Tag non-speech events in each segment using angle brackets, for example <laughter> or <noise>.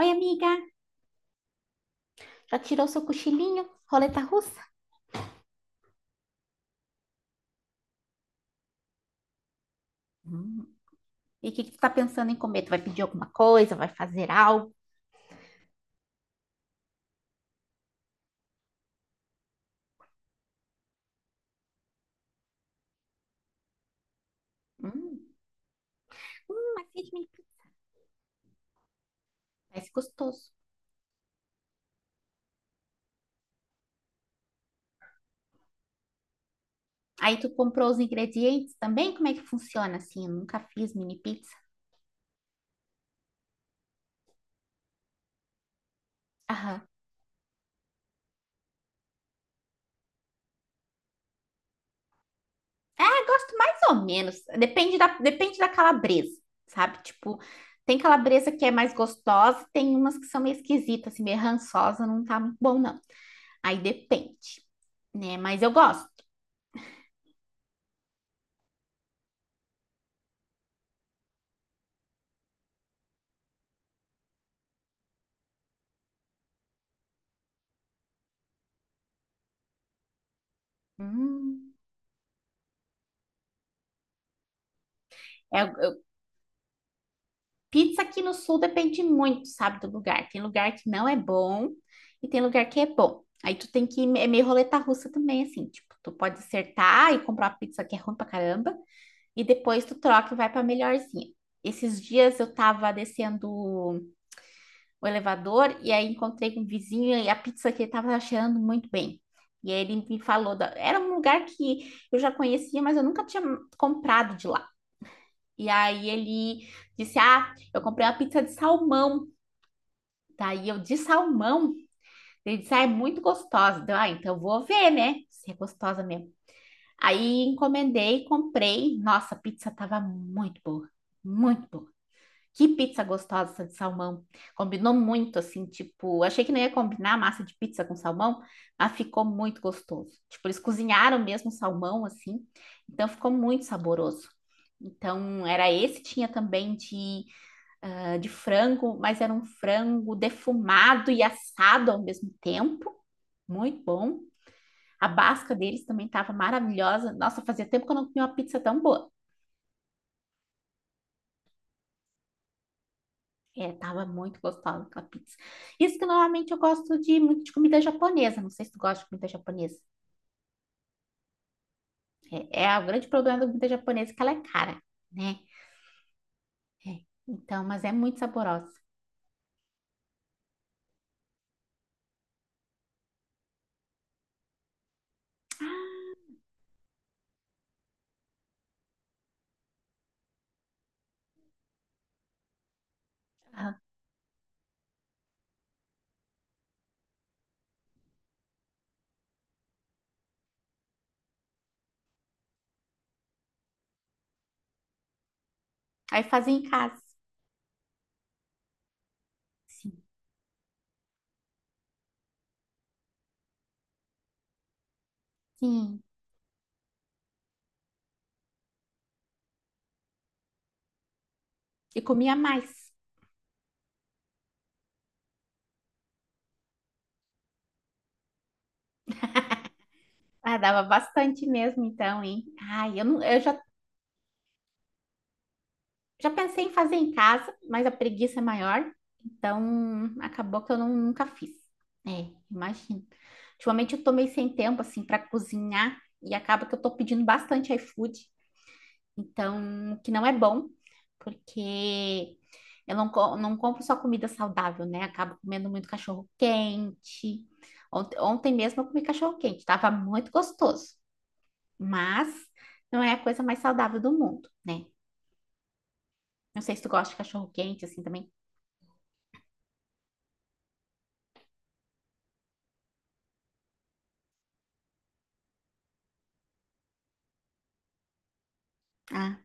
Oi, amiga, já tirou seu cochilinho? Roleta russa? Hum. E o que que tu tá pensando em comer? Tu vai pedir alguma coisa? Vai fazer algo? Hum. Mas fez minha pizza. Parece gostoso. Aí tu comprou os ingredientes também? Como é que funciona assim? Eu nunca fiz mini pizza. Aham. Ah, gosto mais ou menos. Depende da calabresa, sabe? Tipo, tem calabresa que é mais gostosa, tem umas que são meio esquisitas, assim, meio rançosa, não tá muito bom, não. Aí depende, né? Mas eu gosto. Hum. É, eu, pizza aqui no sul depende muito, sabe, do lugar. Tem lugar que não é bom e tem lugar que é bom. Aí tu tem que, é meio roleta russa também, assim, tipo, tu pode acertar e comprar uma pizza que é ruim pra caramba e depois tu troca e vai pra melhorzinha. Esses dias eu tava descendo o elevador e aí encontrei com um vizinho e a pizza que ele tava cheirando muito bem. E aí ele me falou, da... era um lugar que eu já conhecia, mas eu nunca tinha comprado de lá. E aí ele disse, ah, eu comprei uma pizza de salmão. Tá, e eu de salmão. Ele disse, ah, é muito gostosa. Deu, ah, então vou ver, né? Se é gostosa mesmo. Aí encomendei, comprei. Nossa, a pizza tava muito boa. Muito boa. Que pizza gostosa essa de salmão. Combinou muito, assim, tipo, achei que não ia combinar massa de pizza com salmão, mas ficou muito gostoso. Tipo, eles cozinharam mesmo o salmão, assim, então ficou muito saboroso. Então, era esse, tinha também de ah, de frango, mas era um frango defumado e assado ao mesmo tempo. Muito bom. A basca deles também estava maravilhosa. Nossa, fazia tempo que eu não comia uma pizza tão boa. É, tava muito gostosa aquela pizza. Isso que normalmente eu gosto de muito de comida japonesa. Não sei se tu gosta de comida japonesa. É, é o grande problema da comida japonesa é que ela é cara, né? É. Então, mas é muito saborosa. Ah, aí fazia em casa. Sim, sim. E comia mais. Ah, dava bastante mesmo, então, hein? Ai, eu, não, eu já, já pensei em fazer em casa, mas a preguiça é maior, então acabou que eu nunca fiz. É, imagino. Ultimamente eu tô meio sem tempo, assim, para cozinhar, e acaba que eu tô pedindo bastante iFood, então, o que não é bom, porque eu não, não compro só comida saudável, né? Acabo comendo muito cachorro quente. Ontem, ontem mesmo eu comi cachorro quente, tava muito gostoso. Mas não é a coisa mais saudável do mundo, né? Não sei se tu gosta de cachorro quente assim também. Ah,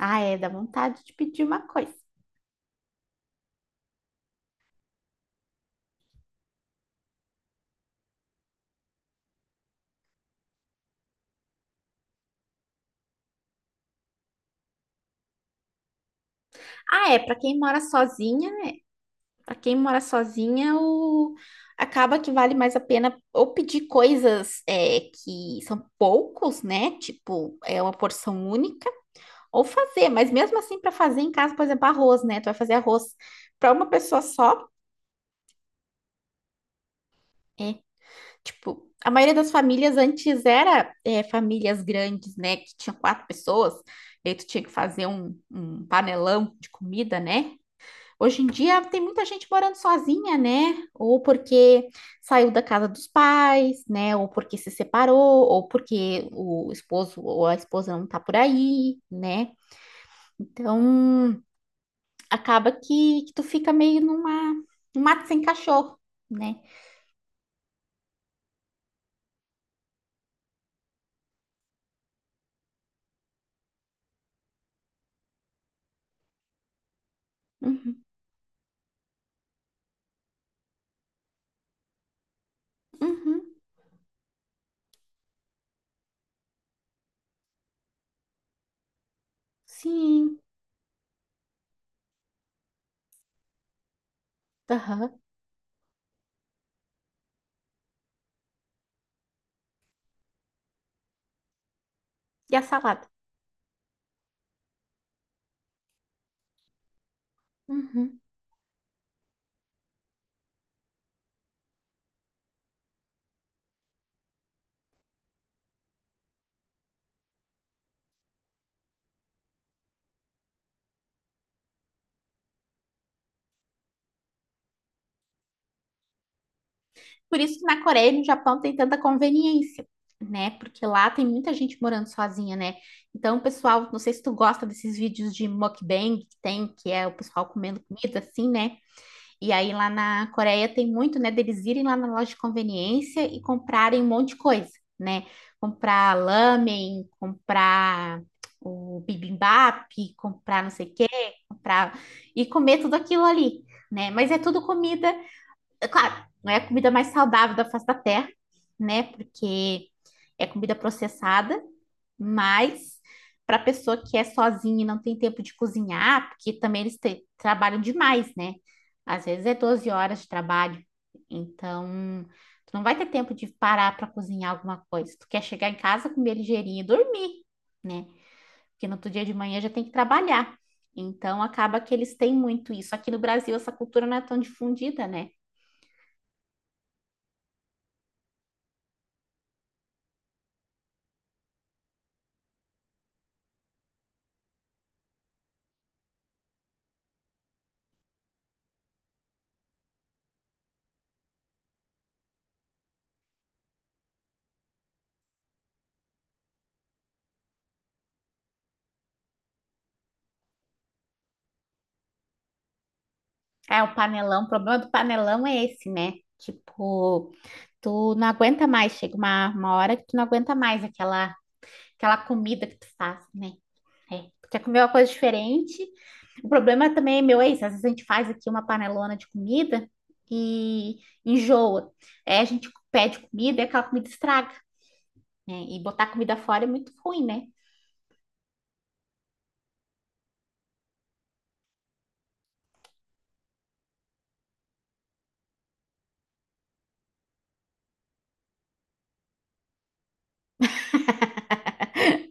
ah, é, dá vontade de pedir uma coisa. Ah, é, pra quem mora sozinha, né? Pra quem mora sozinha, o... acaba que vale mais a pena ou pedir coisas é, que são poucos, né? Tipo, é uma porção única, ou fazer, mas mesmo assim, para fazer em casa, por exemplo, arroz, né? Tu vai fazer arroz para uma pessoa só, é, tipo, a maioria das famílias antes era é, famílias grandes, né? Que tinha quatro pessoas, e aí tu tinha que fazer um panelão de comida, né? Hoje em dia tem muita gente morando sozinha, né? Ou porque saiu da casa dos pais, né? Ou porque se separou, ou porque o esposo ou a esposa não tá por aí, né? Então acaba que tu fica meio numa, num mato sem cachorro, né? Uhum, uhum, sim. Aham. E a salada. Uhum. Por isso que na Coreia e no Japão tem tanta conveniência, né? Porque lá tem muita gente morando sozinha, né? Então, pessoal, não sei se tu gosta desses vídeos de mukbang que tem, que é o pessoal comendo comida assim, né? E aí lá na Coreia tem muito, né, deles irem lá na loja de conveniência e comprarem um monte de coisa, né? Comprar lamen, comprar o bibimbap, comprar não sei o quê, comprar e comer tudo aquilo ali, né? Mas é tudo comida é claro, não é a comida mais saudável da face da terra, né? Porque é comida processada, mas para pessoa que é sozinha e não tem tempo de cozinhar, porque também eles trabalham demais, né? Às vezes é 12 horas de trabalho, então tu não vai ter tempo de parar para cozinhar alguma coisa. Tu quer chegar em casa, comer ligeirinho e dormir, né? Porque no outro dia de manhã já tem que trabalhar. Então acaba que eles têm muito isso. Aqui no Brasil essa cultura não é tão difundida, né? É, o panelão, o problema do panelão é esse, né? Tipo, tu não aguenta mais, chega uma hora que tu não aguenta mais aquela, aquela comida que tu faz, né? É, tu quer comer uma coisa diferente. O problema também é meu, é isso. Às vezes a gente faz aqui uma panelona de comida e enjoa. É, a gente pede comida e aquela comida estraga, né? E botar comida fora é muito ruim, né? <laughs>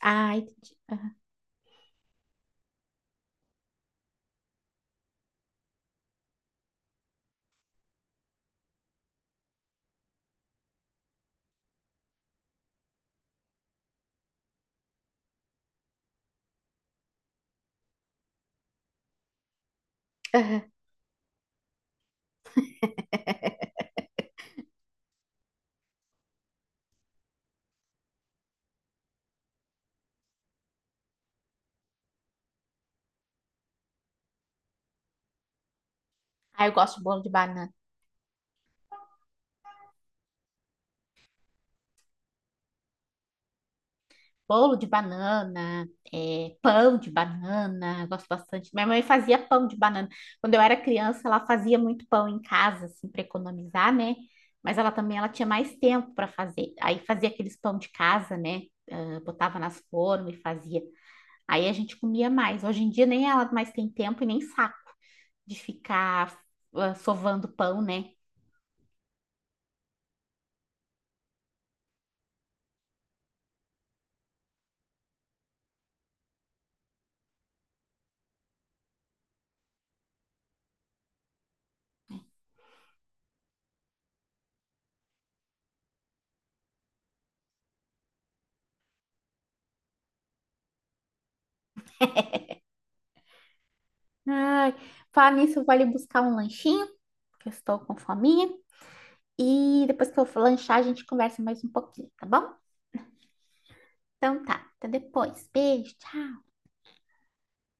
Ai, aham. Ai, eu gosto de bolo de banana. Bolo de banana, é, pão de banana, gosto bastante. Minha mãe fazia pão de banana. Quando eu era criança, ela fazia muito pão em casa, assim, para economizar, né? Mas ela também ela tinha mais tempo para fazer. Aí fazia aqueles pão de casa, né? Ah, botava nas formas e fazia. Aí a gente comia mais. Hoje em dia nem ela mais tem tempo e nem saco de ficar sovando pão, né? Ai, falar nisso, eu vou ali buscar um lanchinho, que eu estou com fome. E depois que eu for lanchar, a gente conversa mais um pouquinho, tá bom? Então tá, até depois. Beijo, tchau.